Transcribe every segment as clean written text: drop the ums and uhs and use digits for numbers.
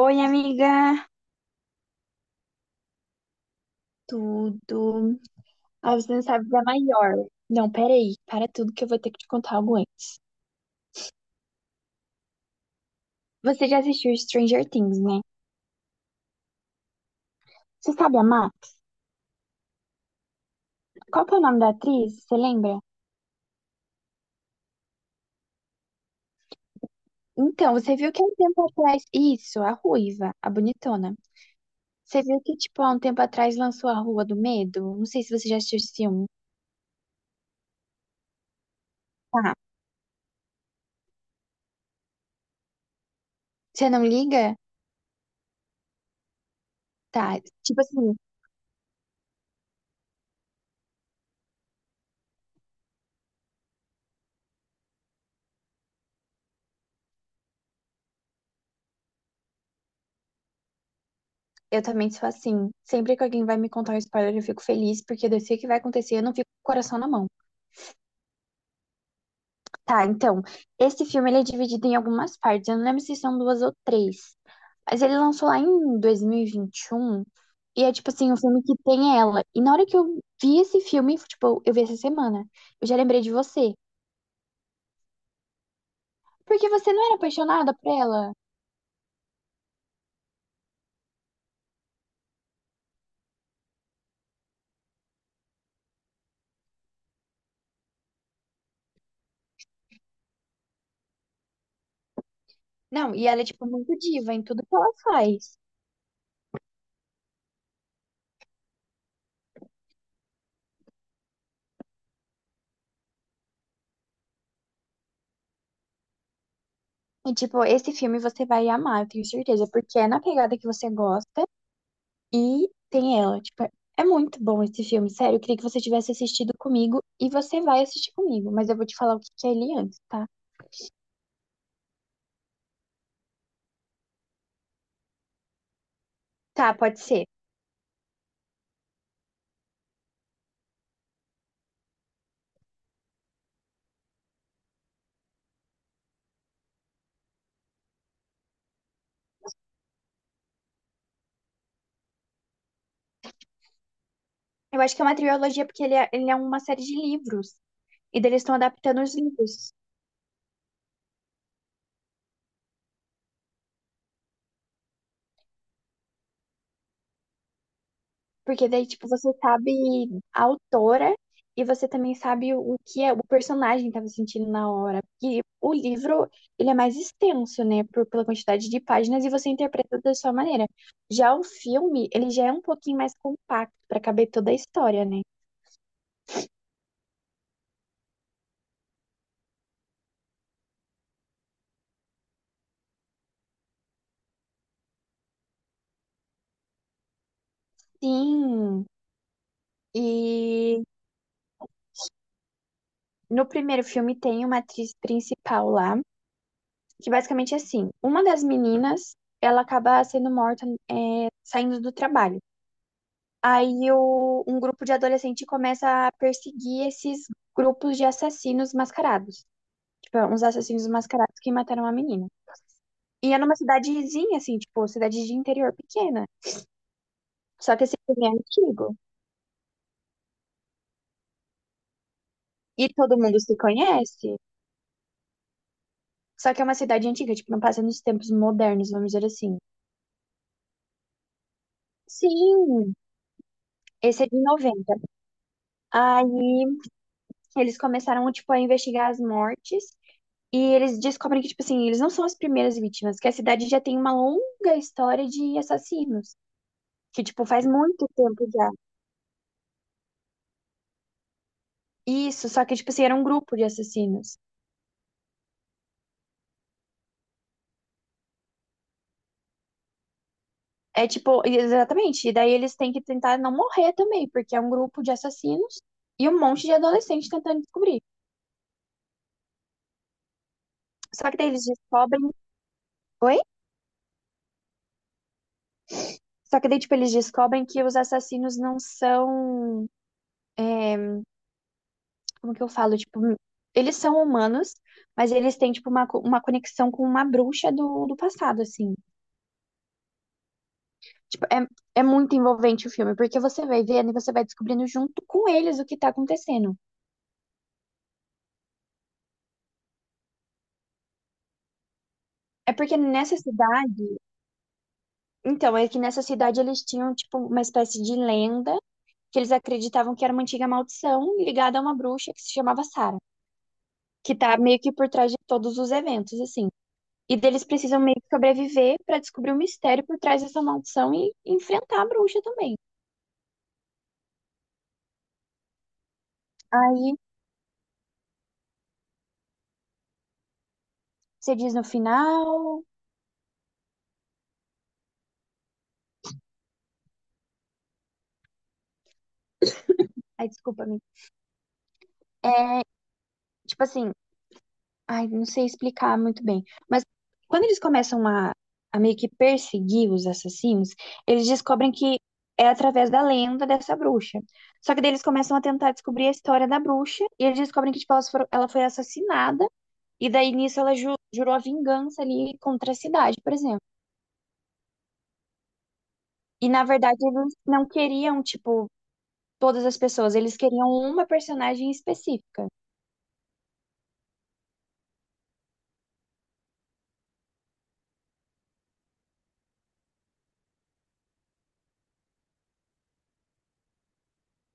Oi, amiga. Tudo. Ah, você não sabe da maior. Não, peraí. Para tudo que eu vou ter que te contar algo antes. Você já assistiu Stranger Things, né? Você sabe a Max? Qual que é o nome da atriz? Você lembra? Então, você viu que há um tempo atrás. Isso, a ruiva, a bonitona. Você viu que, tipo, há um tempo atrás lançou a Rua do Medo? Não sei se você já assistiu esse filme. Tá. Você não liga? Tá. Tipo assim, eu também sou assim. Sempre que alguém vai me contar um spoiler, eu fico feliz, porque eu sei o que vai acontecer, eu não fico com o coração na mão. Tá, então, esse filme ele é dividido em algumas partes. Eu não lembro se são duas ou três. Mas ele lançou lá em 2021. E vinte e um. E é tipo assim, um filme que tem ela. E na hora que eu vi esse filme, tipo, eu vi essa semana, eu já lembrei de você. Porque você não era apaixonada por ela? Não, e ela é, tipo, muito diva em tudo que ela faz. E, tipo, esse filme você vai amar, eu tenho certeza, porque é na pegada que você gosta. E tem ela. Tipo, é muito bom esse filme, sério. Eu queria que você tivesse assistido comigo e você vai assistir comigo, mas eu vou te falar o que que é ele antes, tá? Tá, pode ser. Eu acho que é uma trilogia porque ele é uma série de livros e daí eles estão adaptando os livros. Porque daí, tipo, você sabe a autora e você também sabe o que é, o personagem estava sentindo na hora. Porque o livro, ele é mais extenso, né, por, pela quantidade de páginas e você interpreta da sua maneira. Já o filme, ele já é um pouquinho mais compacto para caber toda a história, né? Sim. E no primeiro filme tem uma atriz principal lá, que basicamente é assim, uma das meninas, ela acaba sendo morta, é, saindo do trabalho. Aí o- um grupo de adolescente começa a perseguir esses grupos de assassinos mascarados. Tipo, uns assassinos mascarados que mataram uma menina. E é numa cidadezinha, assim, tipo, cidade de interior pequena. Só que esse filme é antigo. E todo mundo se conhece. Só que é uma cidade antiga, tipo, não passa nos tempos modernos, vamos dizer assim. Sim, esse é de 90. Aí eles começaram, tipo, a investigar as mortes. E eles descobrem que, tipo assim, eles não são as primeiras vítimas, que a cidade já tem uma longa história de assassinos. Que, tipo, faz muito tempo já. Isso, só que, tipo assim, era um grupo de assassinos. É tipo, exatamente. E daí eles têm que tentar não morrer também, porque é um grupo de assassinos e um monte de adolescentes tentando descobrir. Só que daí eles descobrem. Oi? Só que daí, tipo, eles descobrem que os assassinos não são. É, como que eu falo? Tipo, eles são humanos, mas eles têm, tipo, uma, co- uma conexão com uma bruxa do passado, assim. Tipo, é muito envolvente o filme, porque você vai vendo e você vai descobrindo junto com eles o que tá acontecendo. É porque nessa cidade. Então, é que nessa cidade eles tinham, tipo, uma espécie de lenda que eles acreditavam que era uma antiga maldição ligada a uma bruxa que se chamava Sara, que tá meio que por trás de todos os eventos, assim. E deles precisam meio que sobreviver para descobrir o mistério por trás dessa maldição e enfrentar a bruxa também. Aí você diz no final. Ai, desculpa-me. É, tipo assim, ai, não sei explicar muito bem. Mas quando eles começam a meio que perseguir os assassinos, eles descobrem que é através da lenda dessa bruxa. Só que daí eles começam a tentar descobrir a história da bruxa e eles descobrem que tipo, elas foram- ela foi assassinada e daí nisso ela ju- jurou a vingança ali contra a cidade, por exemplo. E na verdade eles não queriam, tipo, todas as pessoas, eles queriam uma personagem específica.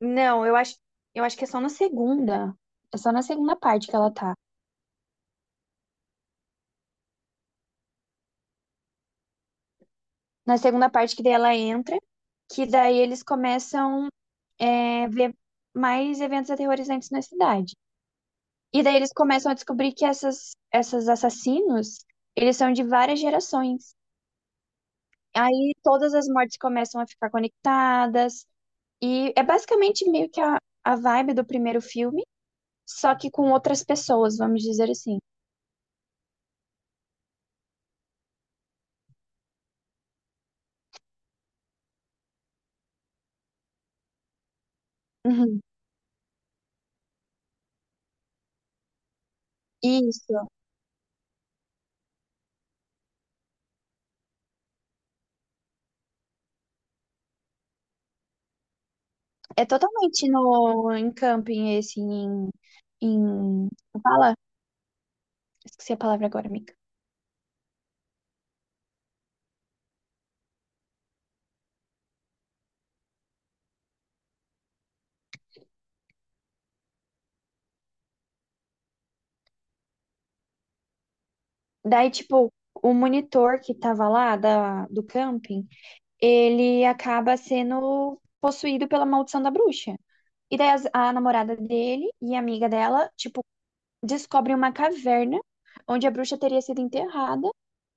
Não, eu acho que é só na segunda. É só na segunda parte que ela tá. Na segunda parte que daí ela entra, que daí eles começam é, ver mais eventos aterrorizantes na cidade. E daí eles começam a descobrir que essas assassinos, eles são de várias gerações. Aí todas as mortes começam a ficar conectadas. E é basicamente meio que a vibe do primeiro filme só que com outras pessoas, vamos dizer assim. Uhum. Isso. É totalmente no, em camping, esse, em, em... Fala? Esqueci a palavra agora, amiga. Daí, tipo, o monitor que tava lá da, do camping, ele acaba sendo possuído pela maldição da bruxa. E daí as- a namorada dele e a amiga dela, tipo, descobrem uma caverna onde a bruxa teria sido enterrada,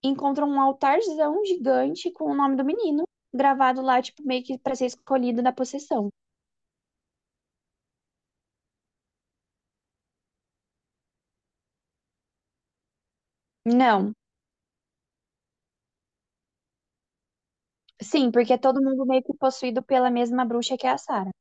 encontram um altarzão gigante com o nome do menino gravado lá, tipo, meio que para ser escolhido da possessão. Não, sim, porque é todo mundo meio que possuído pela mesma bruxa que é a Sarah.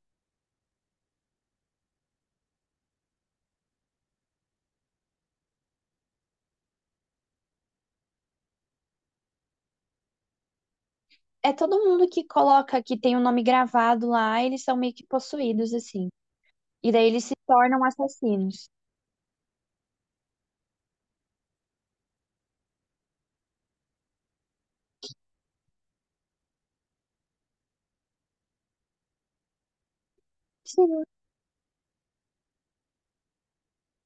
É todo mundo que coloca que tem o nome gravado lá, eles são meio que possuídos, assim. E daí eles se tornam assassinos. Sim.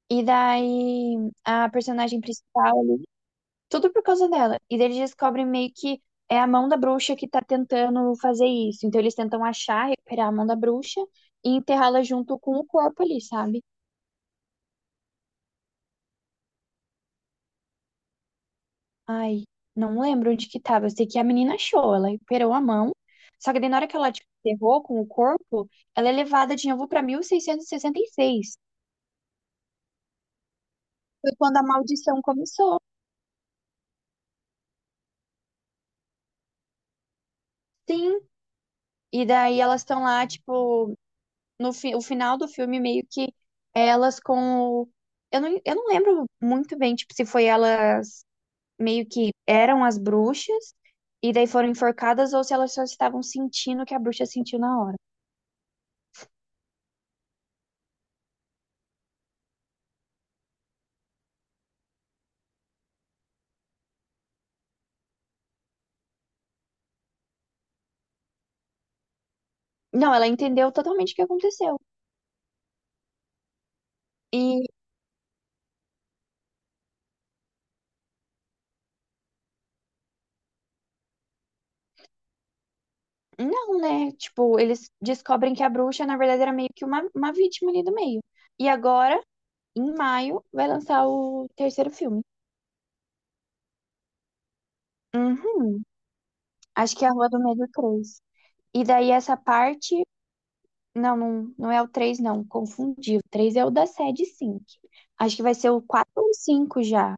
E daí a personagem principal, tudo por causa dela. E daí eles descobrem meio que é a mão da bruxa que tá tentando fazer isso. Então eles tentam achar, recuperar a mão da bruxa e enterrá-la junto com o corpo ali, sabe? Ai, não lembro onde que tava. Eu sei que a menina achou, ela recuperou a mão. Só que daí na hora que ela tipo, enterrou com o corpo, ela é levada de novo pra 1666. Foi quando a maldição começou. Sim. E daí elas estão lá, tipo, no fi- o final do filme, meio que elas com o. Eu não lembro muito bem, tipo, se foi elas meio que eram as bruxas e daí foram enforcadas ou se elas só estavam sentindo o que a bruxa sentiu na hora. Não, ela entendeu totalmente o que aconteceu. E não, né? Tipo, eles descobrem que a bruxa, na verdade, era meio que uma vítima ali do meio. E agora, em maio, vai lançar o terceiro filme. Uhum. Acho que é a Rua do Medo três. E daí essa parte não é o 3 não. Confundi. O 3 é o da sede 5. Acho que vai ser o 4 ou o 5 já.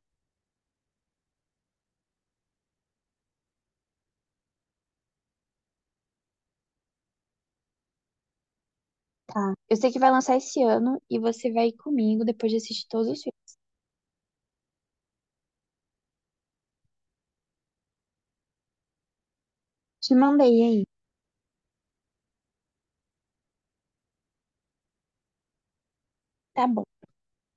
Tá. Eu sei que vai lançar esse ano e você vai ir comigo depois de assistir todos os filmes. Te mandei aí. Tá bom.